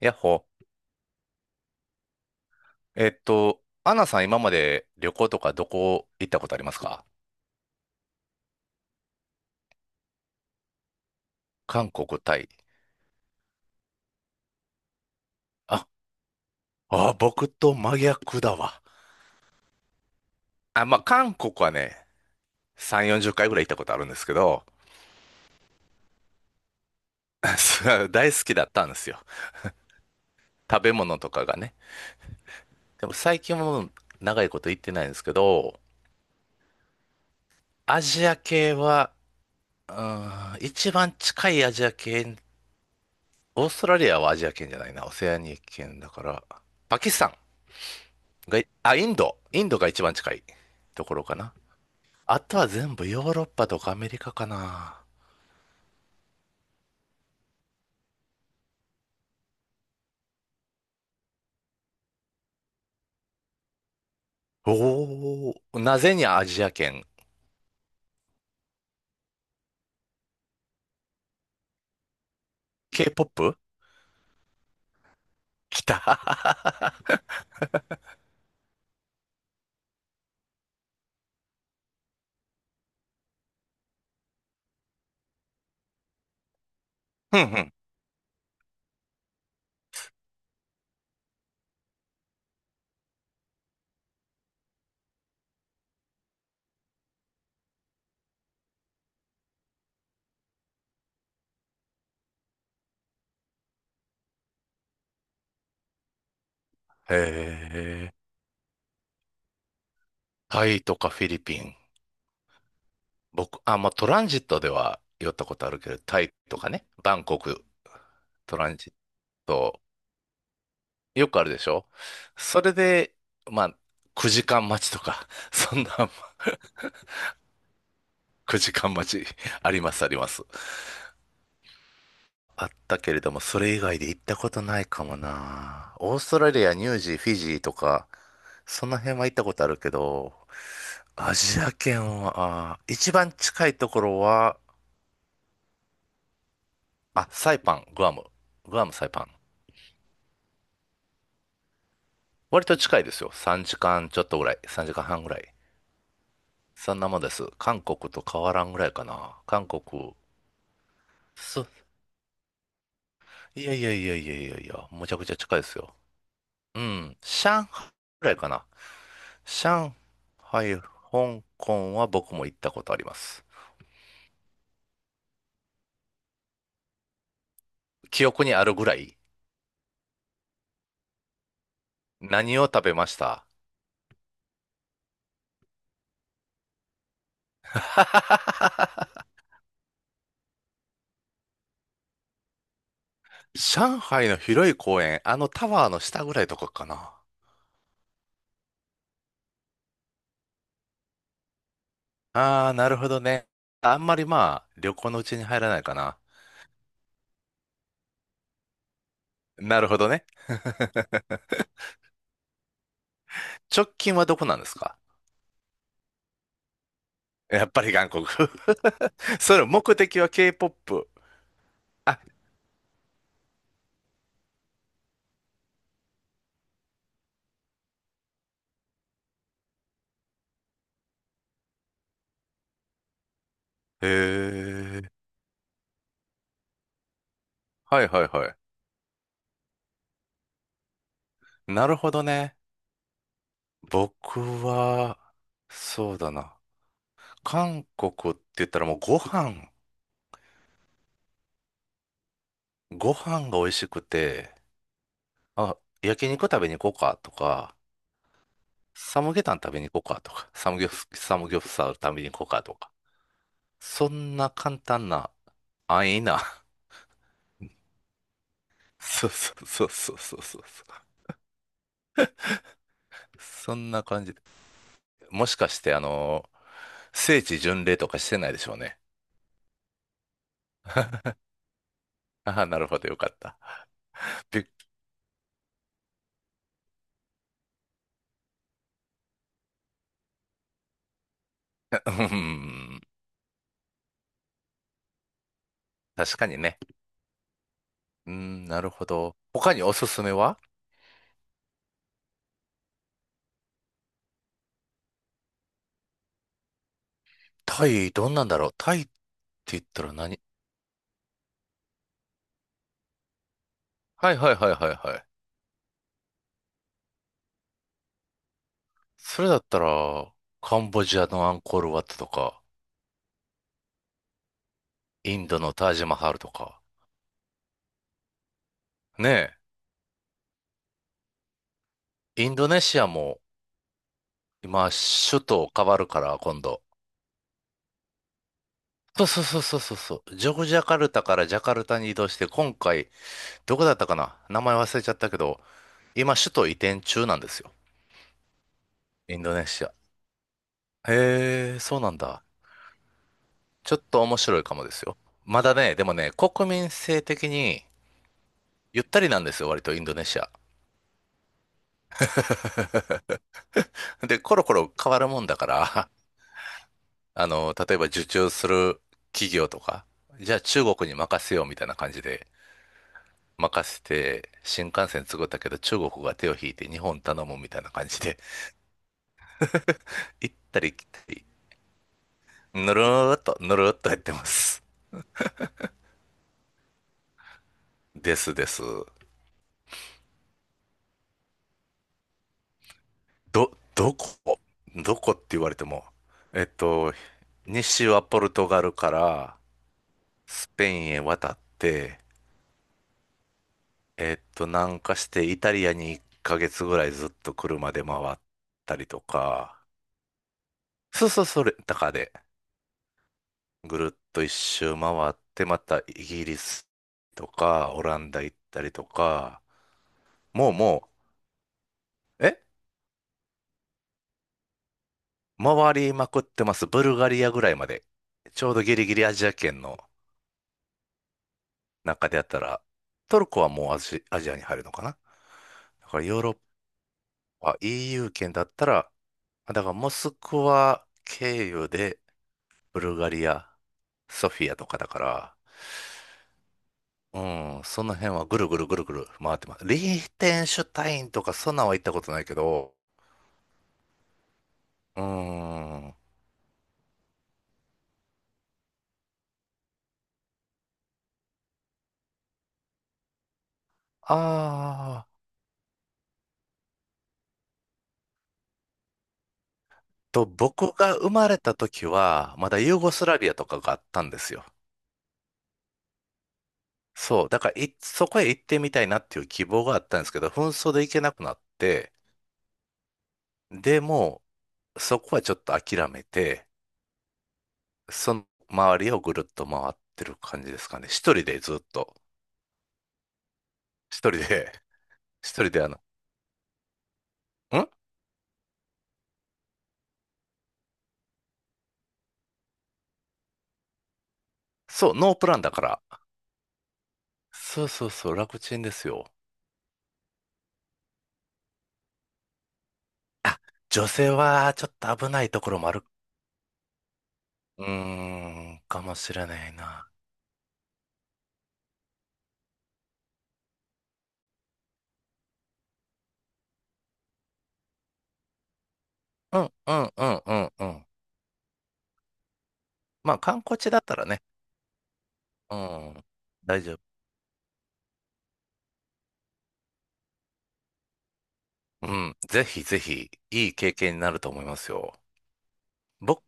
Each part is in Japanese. やっほ。アンナさん、今まで旅行とかどこ行ったことありますか？韓国、タイ。あ、僕と真逆だわ。あ、まあ、韓国はね、3、40回ぐらい行ったことあるんですけど、そう大好きだったんですよ。食べ物とかがね。でも最近も長いこと行ってないんですけど、アジア系は、一番近いアジア圏、オーストラリアはアジア圏じゃないな、オセアニア圏だから、パキスタン。が、あ、インド。インドが一番近いところかな。あとは全部ヨーロッパとかアメリカかな。おお、なぜにアジア圏？ K-POP？ 来た。うんうん。へえ。タイとかフィリピン。僕、あ、まあ、トランジットでは寄ったことあるけど、タイとかね、バンコク、トランジット、よくあるでしょ？それで、まあ、9時間待ちとか、そんな 9時間待ちあります、あります。あったけれども、それ以外で行ったことないかもな。オーストラリア、ニュージー、フィジーとか、その辺は行ったことあるけど、アジア圏は、あー一番近いところは、あ、サイパン、グアム。グアム、サイパン。割と近いですよ。3時間ちょっとぐらい。3時間半ぐらい。そんなもんです。韓国と変わらんぐらいかな。韓国、そ、いやいやいやいやいやいや、むちゃくちゃ近いですよ。うん、上海ぐらいかな。上海、香港は僕も行ったことあります。記憶にあるぐらい。何を食べました？上海の広い公園、あのタワーの下ぐらいとかかな。あー、なるほどね。あんまりまあ、旅行のうちに入らないかな。なるほどね。直近はどこなんですか？やっぱり韓国。それ目的は K-POP。あ、へえ。はいはいはい。なるほどね。僕は、そうだな。韓国って言ったらもうご飯、ご飯が美味しくて、あ、焼肉食べに行こうかとか、サムゲタン食べに行こうかとか、サムギョプサル食べに行こうかとか、そんな簡単な、安易な、そうそうそうそうそうそう、そんな感じで。もしかして、あの、聖地巡礼とかしてないでしょうね。ああ、なるほど、よかった。びっうん、確かにね。うん、なるほど。他におすすめは？タイ、どんなんだろう。タイって言ったら何？はいはいはいはいはい。それだったら、カンボジアのアンコールワットとか、インドのタージマハルとか。ねえインドネシアも、今、首都変わるから、今度。そうそうそうそうそうそう。ジョグジャカルタからジャカルタに移動して、今回、どこだったかな名前忘れちゃったけど、今、首都移転中なんですよ。インドネシア。へえ、そうなんだ。ちょっと面白いかもですよ。まだね、でもね、国民性的に、ゆったりなんですよ、割とインドネシア。で、コロコロ変わるもんだから、あの、例えば受注する企業とか、じゃあ中国に任せようみたいな感じで、任せて、新幹線作ったけど中国が手を引いて日本頼むみたいな感じで、行ったり来たり、ぬるーっとやってます。ですです。ど、どこどこって言われても、えっと、西はポルトガルからスペインへ渡って、南下してイタリアに1ヶ月ぐらいずっと車で回ったりとか、そうそう、それ、タカでぐるっと一周回って、またイギリスとか、オランダ行ったりとか、もうもう、え回りまくってます。ブルガリアぐらいまで。ちょうどギリギリアジア圏の中でやったら、トルコはもうアジアに入るのかな？だからヨーロッパ、EU 圏だったら、だからモスクワ経由で、ブルガリア、ソフィアとかだから、うん、その辺はぐるぐるぐるぐる回ってます。リーテンシュタインとかそんなんは行ったことないけど、うん、ああ、と、僕が生まれた時は、まだユーゴスラビアとかがあったんですよ。そう、だからい、そこへ行ってみたいなっていう希望があったんですけど、紛争で行けなくなって、でも、そこはちょっと諦めて、その周りをぐるっと回ってる感じですかね。一人でずっと、一人で一人であの、んそう、ノープランだから。そうそうそう、楽ちんですよ。あ、女性はちょっと危ないところもある。うーん、かもしれないな。うん、うん、うん、うん、うん。まあ、観光地だったらね。うん、大丈夫。うん、ぜひぜひ、いい経験になると思いますよ。僕、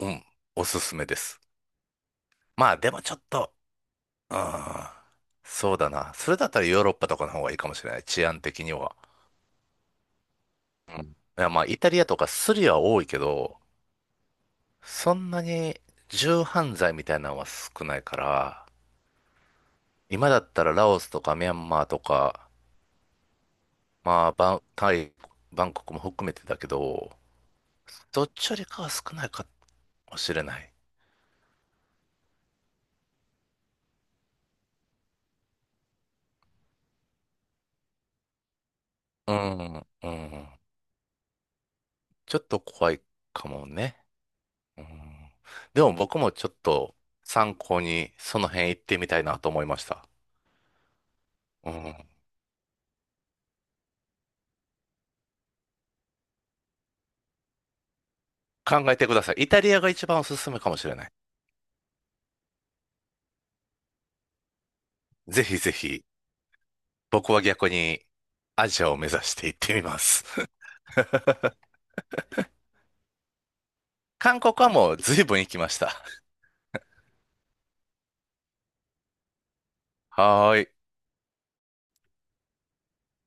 うん、おすすめです。まあ、でもちょっと、うん、そうだな。それだったらヨーロッパとかの方がいいかもしれない。治安的には。うんいや、まあ、イタリアとかスリは多いけど、そんなに重犯罪みたいなのは少ないから、今だったらラオスとかミャンマーとか、まあ、タイ、バンコクも含めてだけど、どっちよりかは少ないかもしれない。うん、うん。ちょっと怖いかもね。うん。でも僕もちょっと参考にその辺行ってみたいなと思いました。うん。考えてください。イタリアが一番おすすめかもしれない。ぜひぜひ、僕は逆にアジアを目指して行ってみます。韓国はもう随分行きました。はーい。